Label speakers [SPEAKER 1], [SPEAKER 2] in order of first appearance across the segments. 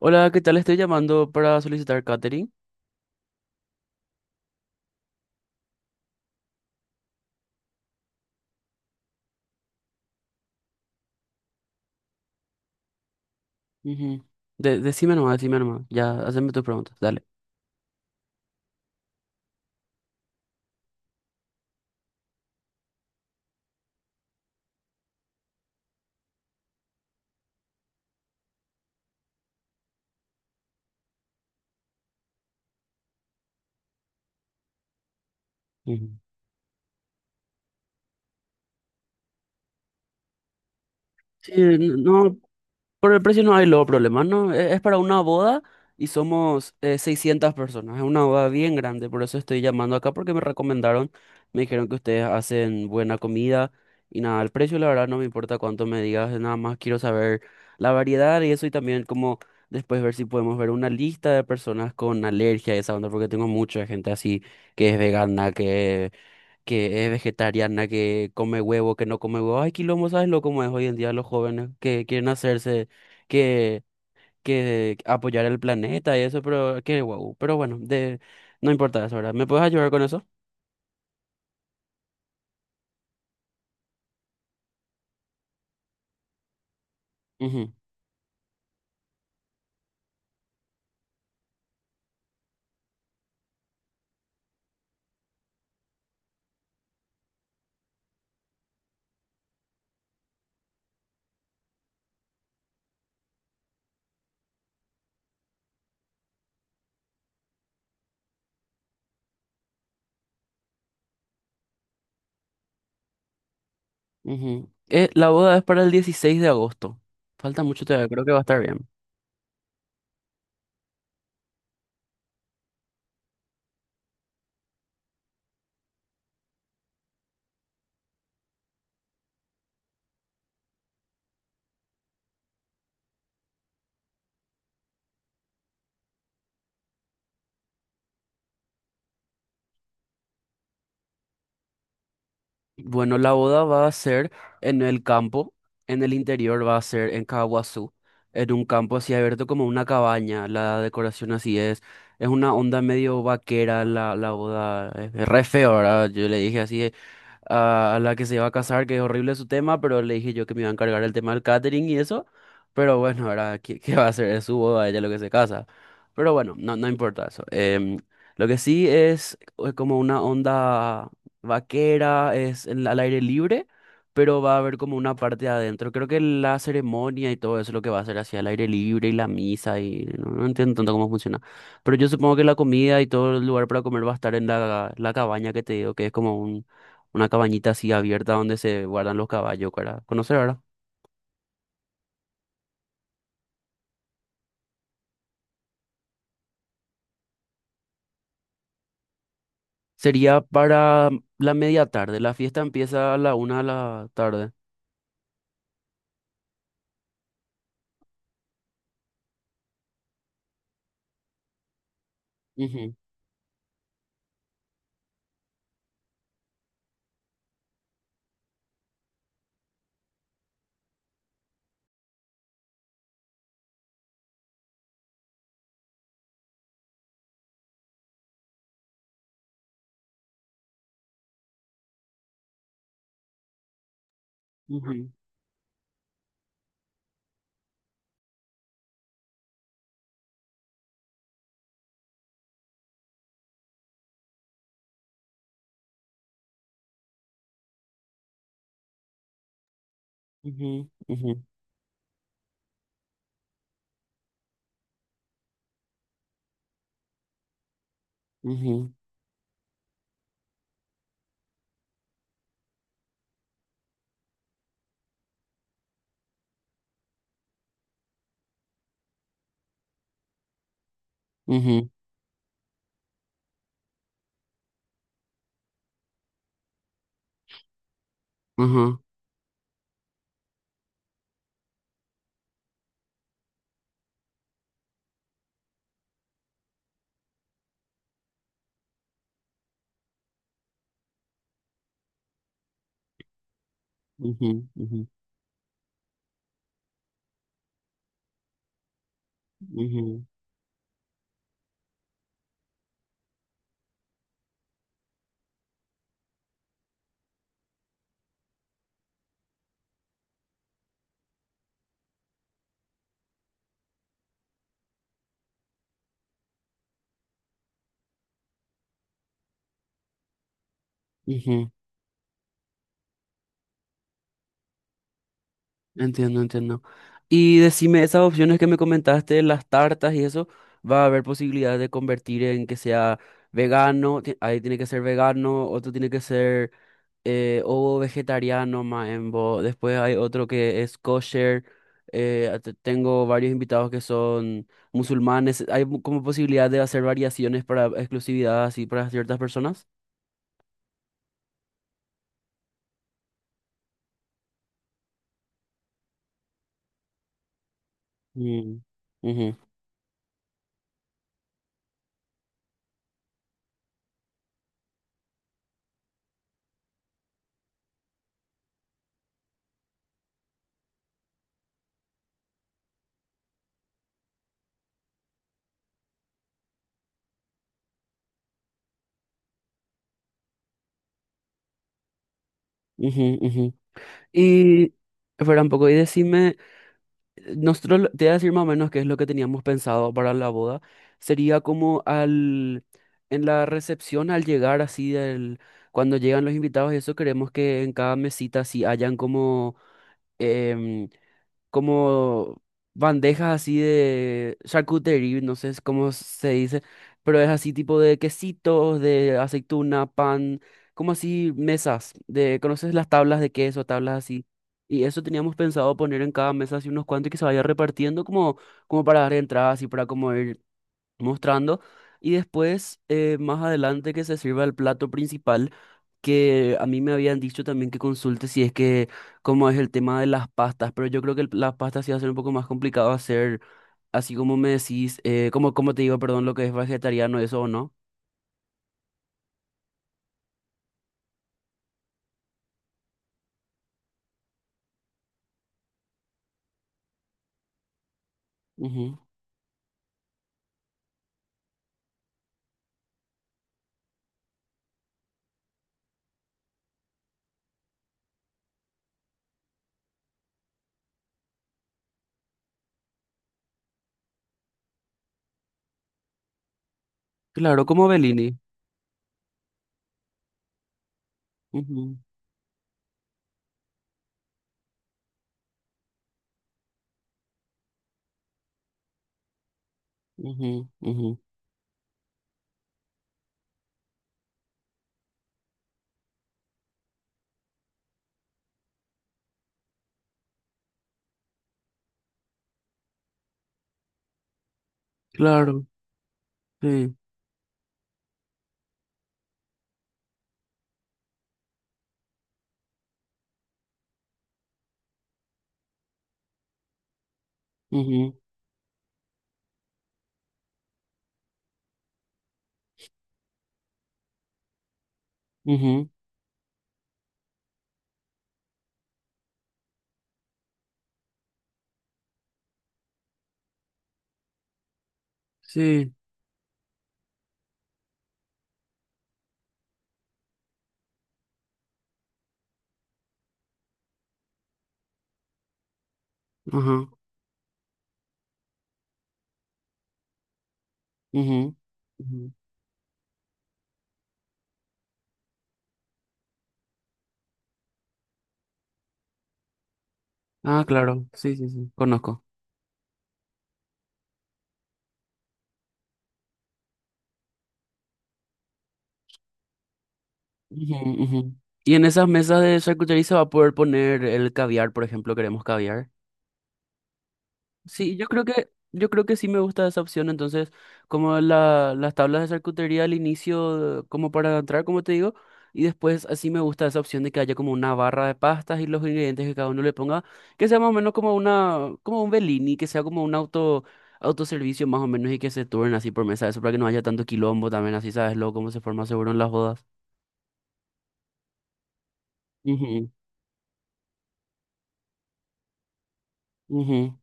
[SPEAKER 1] Hola, ¿qué tal? Estoy llamando para solicitar catering. Ujú. Decime nomás, decime nomás. Ya, haceme tus preguntas, dale. Ujú. Sí, no. Por el precio no hay luego problemas, ¿no? Es para una boda y somos 600 personas. Es una boda bien grande, por eso estoy llamando acá porque me recomendaron, me dijeron que ustedes hacen buena comida y nada, el precio la verdad no me importa cuánto me digas, nada más quiero saber la variedad y eso y también como después ver si podemos ver una lista de personas con alergia y esa onda porque tengo mucha gente así que es vegana, que es vegetariana, que come huevo, que no come huevo. Ay, quilombo, ¿sabes lo cómo es hoy en día los jóvenes que quieren hacerse, que, que apoyar el planeta y eso, pero qué guau? Pero bueno, no importa eso, ¿verdad? ¿Me puedes ayudar con eso? Ujú, ujú. La boda es para el 16 de agosto. Falta mucho todavía, creo que va a estar bien. Bueno, la boda va a ser en el campo, en el interior va a ser en Caguazú, en un campo así abierto como una cabaña, la decoración así es una onda medio vaquera la boda, es re feo, ¿verdad? Yo le dije así, a la que se iba a casar, que es horrible su tema, pero le dije yo que me iba a encargar el tema del catering y eso. Pero bueno, ahora, ¿qué va a hacer? Es su boda, ella lo que se casa. Pero bueno, no, no importa eso. Lo que sí es como una onda vaquera, es al aire libre, pero va a haber como una parte adentro. Creo que la ceremonia y todo eso es lo que va a ser hacia el aire libre y la misa y no, no entiendo tanto cómo funciona. Pero yo supongo que la comida y todo el lugar para comer va a estar en la cabaña que te digo, que es como una cabañita así abierta donde se guardan los caballos para conocer, ¿verdad? Sería para la media tarde. La fiesta empieza a la una de la tarde. Ujú, ujú, ujú, ujú, ujú, ujú, ujú, ujú, ujú, ujú, ujú. Entiendo, entiendo. Y decime, esas opciones que me comentaste, las tartas y eso, ¿va a haber posibilidad de convertir en que sea vegano? Ahí tiene que ser vegano, otro tiene que ser o vegetariano maembo. Después hay otro que es kosher. Tengo varios invitados que son musulmanes. ¿Hay como posibilidad de hacer variaciones para exclusividad así para ciertas personas? Mm, ujú, ujú, ujú. Y, espera un poco, y decime. Nosotros, te voy a decir más o menos qué es lo que teníamos pensado para la boda. Sería como en la recepción, al llegar así, cuando llegan los invitados y eso, queremos que en cada mesita así hayan em, como bandejas así de charcuterie, no sé cómo se dice, pero es así tipo de quesitos, de aceituna, pan, como así mesas, ¿conoces las tablas de queso, tablas así? Y eso teníamos pensado poner en cada mesa así unos cuantos y que se vaya repartiendo como para dar entradas y para como ir mostrando y después más adelante que se sirva el plato principal que a mí me habían dicho también que consulte si es que cómo es el tema de las pastas, pero yo creo que las pastas sí va a ser un poco más complicado hacer, así como me decís, como te digo, perdón, lo que es vegetariano, eso o no. Ujú. Claro, como Bellini. Ujú, ujú, ujú. Claro, sí. Ujú, ujú. Sí. Ajá, ujú, ujú. Ah, claro, sí, sí, sí. Conozco. Ujú, ujú. Y en esas mesas de charcutería se va a poder poner el caviar, por ejemplo, queremos caviar. Sí, yo creo que sí me gusta esa opción. Entonces, como las tablas de charcutería al inicio, como para entrar, como te digo, y después así me gusta esa opción de que haya como una barra de pastas y los ingredientes que cada uno le ponga, que sea más o menos como como un Bellini, que sea como un autoservicio más o menos y que se turnen así por mesa, eso para que no haya tanto quilombo también, así sabes luego cómo se forma seguro en las bodas. Ujú, ujú.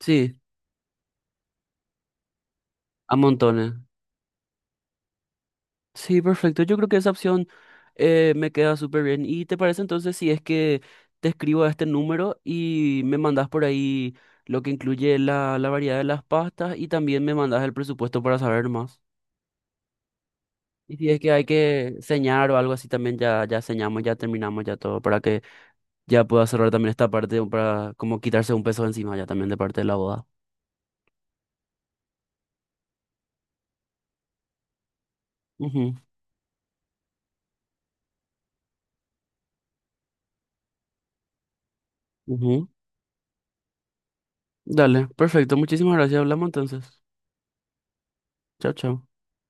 [SPEAKER 1] Sí. A montones. Sí, perfecto. Yo creo que esa opción me queda súper bien. ¿Y te parece entonces si es que te escribo a este número y me mandas por ahí lo que incluye la variedad de las pastas y también me mandas el presupuesto para saber más? Y si es que hay que señar o algo así también, ya, ya señamos, ya terminamos ya todo, para que ya pueda cerrar también esta parte, para como quitarse un peso encima ya también de parte de la boda. Ujú, ujú. Dale, perfecto. Muchísimas gracias. Hablamos entonces. Chao, chao.